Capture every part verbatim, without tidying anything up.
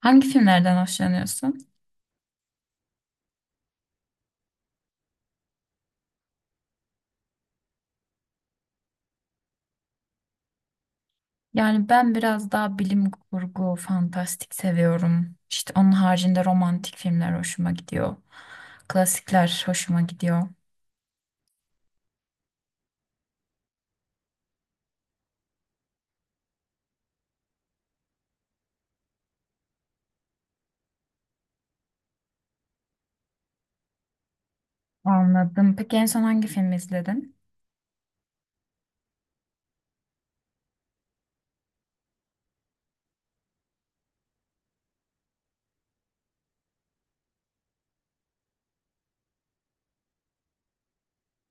Hangi filmlerden hoşlanıyorsun? Yani ben biraz daha bilim kurgu, fantastik seviyorum. İşte onun haricinde romantik filmler hoşuma gidiyor. Klasikler hoşuma gidiyor. Anladım. Peki en son hangi film izledin?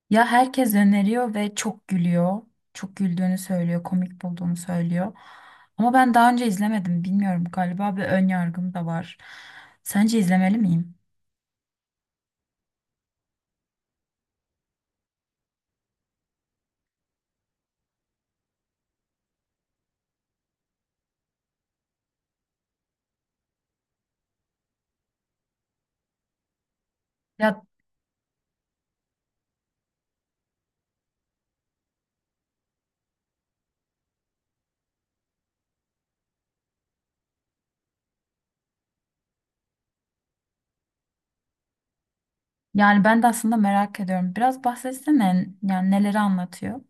Ya herkes öneriyor ve çok gülüyor. Çok güldüğünü söylüyor, komik bulduğunu söylüyor. Ama ben daha önce izlemedim. Bilmiyorum galiba bir ön yargım da var. Sence izlemeli miyim? Ya yani ben de aslında merak ediyorum. Biraz bahsetsene yani neleri anlatıyor?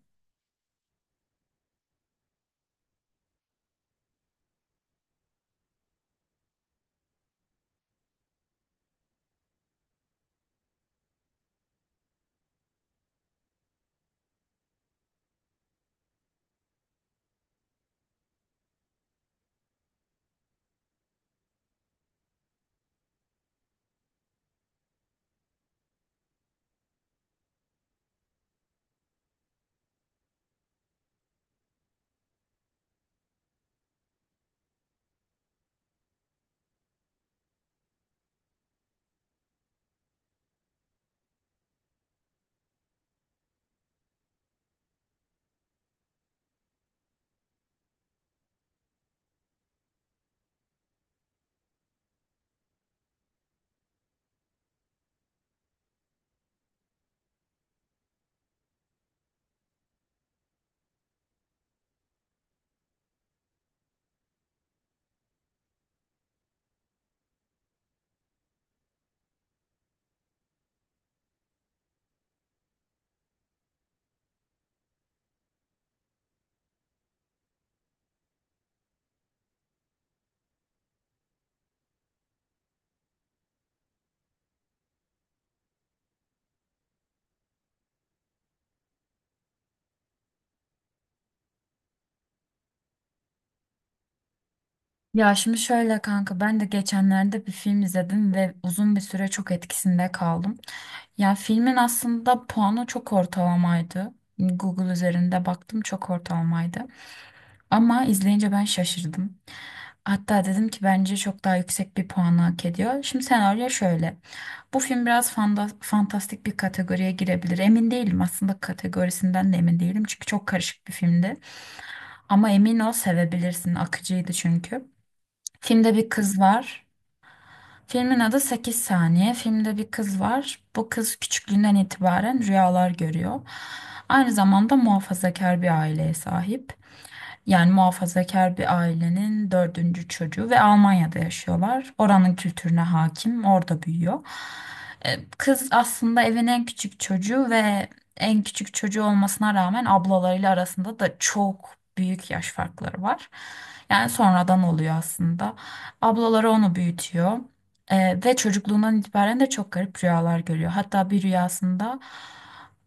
Ya şimdi şöyle kanka ben de geçenlerde bir film izledim ve uzun bir süre çok etkisinde kaldım. Ya filmin aslında puanı çok ortalamaydı. Google üzerinde baktım çok ortalamaydı. Ama izleyince ben şaşırdım. Hatta dedim ki bence çok daha yüksek bir puanı hak ediyor. Şimdi senaryo şöyle. Bu film biraz fanda- fantastik bir kategoriye girebilir. Emin değilim aslında kategorisinden de emin değilim. Çünkü çok karışık bir filmdi. Ama emin ol sevebilirsin. Akıcıydı çünkü. Filmde bir kız var. Filmin adı Sekiz saniye. Filmde bir kız var. Bu kız küçüklüğünden itibaren rüyalar görüyor. Aynı zamanda muhafazakar bir aileye sahip. Yani muhafazakar bir ailenin dördüncü çocuğu ve Almanya'da yaşıyorlar. Oranın kültürüne hakim, orada büyüyor. Ee, Kız aslında evin en küçük çocuğu ve en küçük çocuğu olmasına rağmen ablalarıyla arasında da çok büyük yaş farkları var. Yani sonradan oluyor aslında. Ablaları onu büyütüyor. Ee, ve çocukluğundan itibaren de çok garip rüyalar görüyor. Hatta bir rüyasında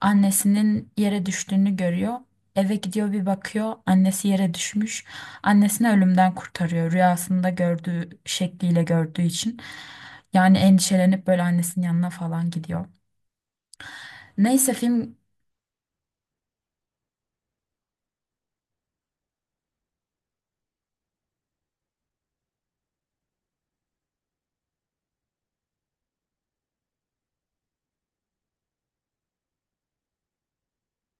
annesinin yere düştüğünü görüyor. Eve gidiyor bir bakıyor annesi yere düşmüş. Annesini ölümden kurtarıyor rüyasında gördüğü şekliyle gördüğü için. Yani endişelenip böyle annesinin yanına falan gidiyor. Neyse film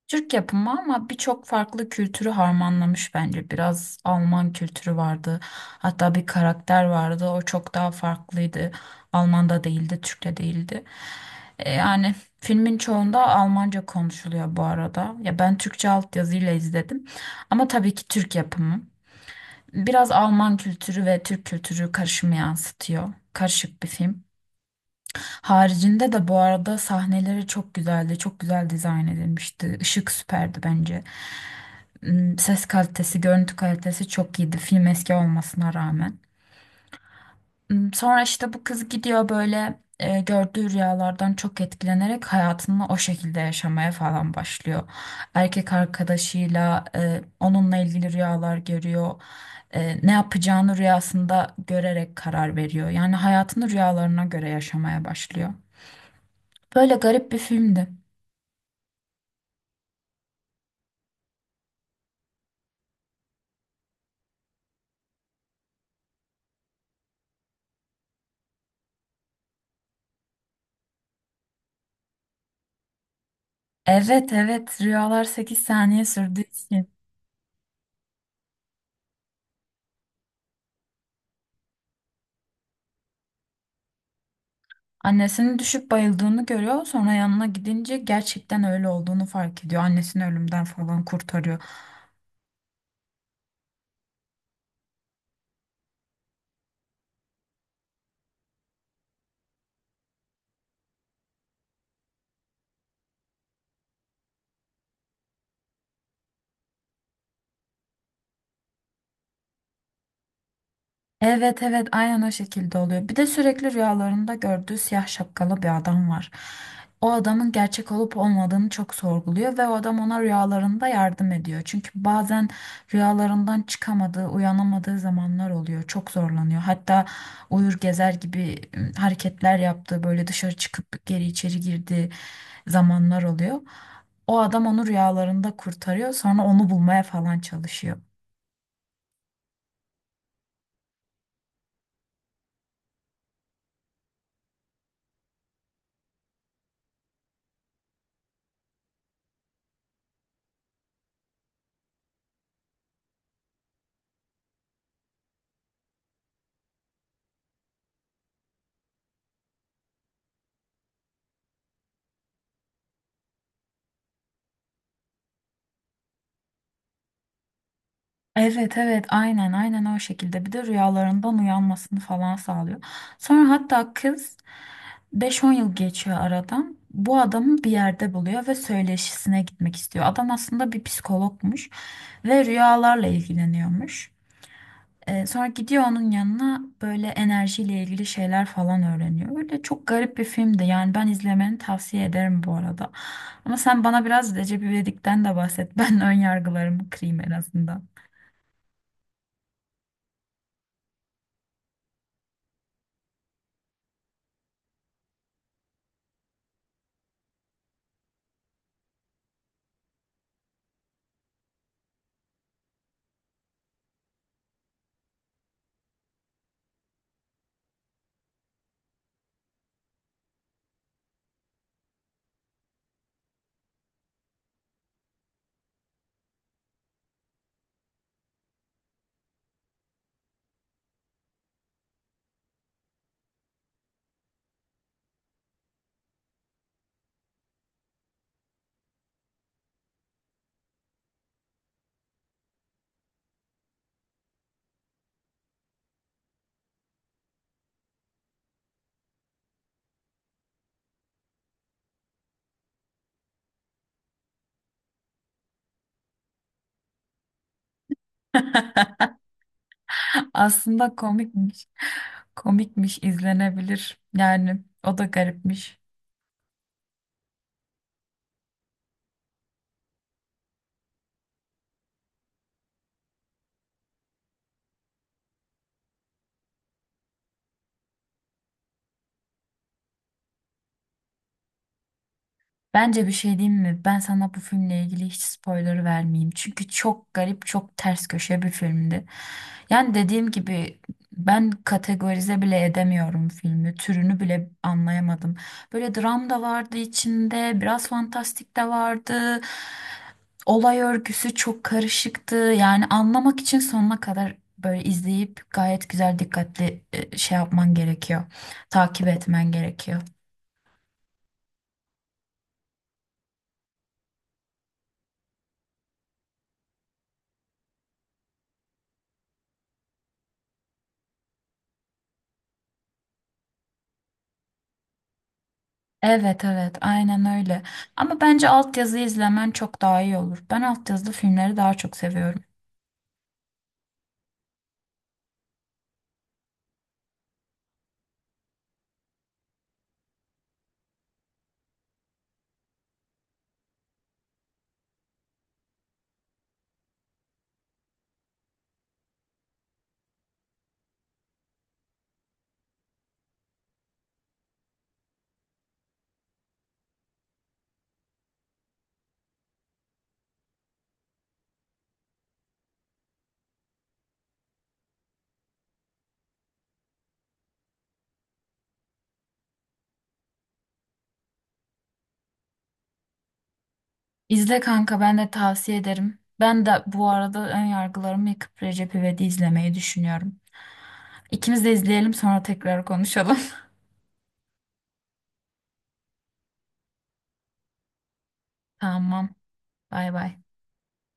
Türk yapımı ama birçok farklı kültürü harmanlamış bence. Biraz Alman kültürü vardı. Hatta bir karakter vardı. O çok daha farklıydı. Alman'da değildi, Türk'te değildi. E, Yani filmin çoğunda Almanca konuşuluyor bu arada. Ya ben Türkçe altyazıyla izledim. Ama tabii ki Türk yapımı. Biraz Alman kültürü ve Türk kültürü karışımı yansıtıyor. Karışık bir film. Haricinde de bu arada sahneleri çok güzeldi. Çok güzel dizayn edilmişti. Işık süperdi bence. Hmm, Ses kalitesi, görüntü kalitesi çok iyiydi film eski olmasına rağmen. Hmm, Sonra işte bu kız gidiyor böyle e, gördüğü rüyalardan çok etkilenerek hayatını o şekilde yaşamaya falan başlıyor. Erkek arkadaşıyla e, onunla ilgili rüyalar görüyor. E, ne yapacağını rüyasında görerek karar veriyor. Yani hayatını rüyalarına göre yaşamaya başlıyor. Böyle garip bir filmdi. Evet, evet, rüyalar sekiz saniye sürdü. Annesinin düşüp bayıldığını görüyor. Sonra yanına gidince gerçekten öyle olduğunu fark ediyor. Annesini ölümden falan kurtarıyor. Evet, evet, aynen o şekilde oluyor. Bir de sürekli rüyalarında gördüğü siyah şapkalı bir adam var. O adamın gerçek olup olmadığını çok sorguluyor ve o adam ona rüyalarında yardım ediyor. Çünkü bazen rüyalarından çıkamadığı, uyanamadığı zamanlar oluyor. Çok zorlanıyor. Hatta uyur gezer gibi ım, hareketler yaptığı, böyle dışarı çıkıp geri içeri girdiği zamanlar oluyor. O adam onu rüyalarında kurtarıyor, sonra onu bulmaya falan çalışıyor. Evet, evet, aynen, aynen o şekilde bir de rüyalarından uyanmasını falan sağlıyor. Sonra hatta kız beş on yıl geçiyor aradan bu adamı bir yerde buluyor ve söyleşisine gitmek istiyor. Adam aslında bir psikologmuş ve rüyalarla ilgileniyormuş. Ee, sonra gidiyor onun yanına böyle enerjiyle ilgili şeyler falan öğreniyor. Öyle çok garip bir filmdi yani ben izlemeni tavsiye ederim bu arada. Ama sen bana biraz Recep İvedik'ten de bahset. Ben ön yargılarımı kırayım en azından. Aslında komikmiş. Komikmiş, izlenebilir. Yani o da garipmiş. Bence bir şey diyeyim mi? Ben sana bu filmle ilgili hiç spoiler vermeyeyim. Çünkü çok garip, çok ters köşe bir filmdi. Yani dediğim gibi ben kategorize bile edemiyorum filmi. Türünü bile anlayamadım. Böyle dram da vardı içinde, biraz fantastik de vardı. Olay örgüsü çok karışıktı. Yani anlamak için sonuna kadar böyle izleyip gayet güzel dikkatli e, şey yapman gerekiyor. Takip etmen gerekiyor. Evet, evet, aynen öyle. Ama bence altyazı izlemen çok daha iyi olur. Ben altyazılı filmleri daha çok seviyorum. İzle kanka ben de tavsiye ederim. Ben de bu arada ön yargılarımı yıkıp Recep İvedik'i izlemeyi düşünüyorum. İkimiz de izleyelim sonra tekrar konuşalım. Tamam. Bay bay.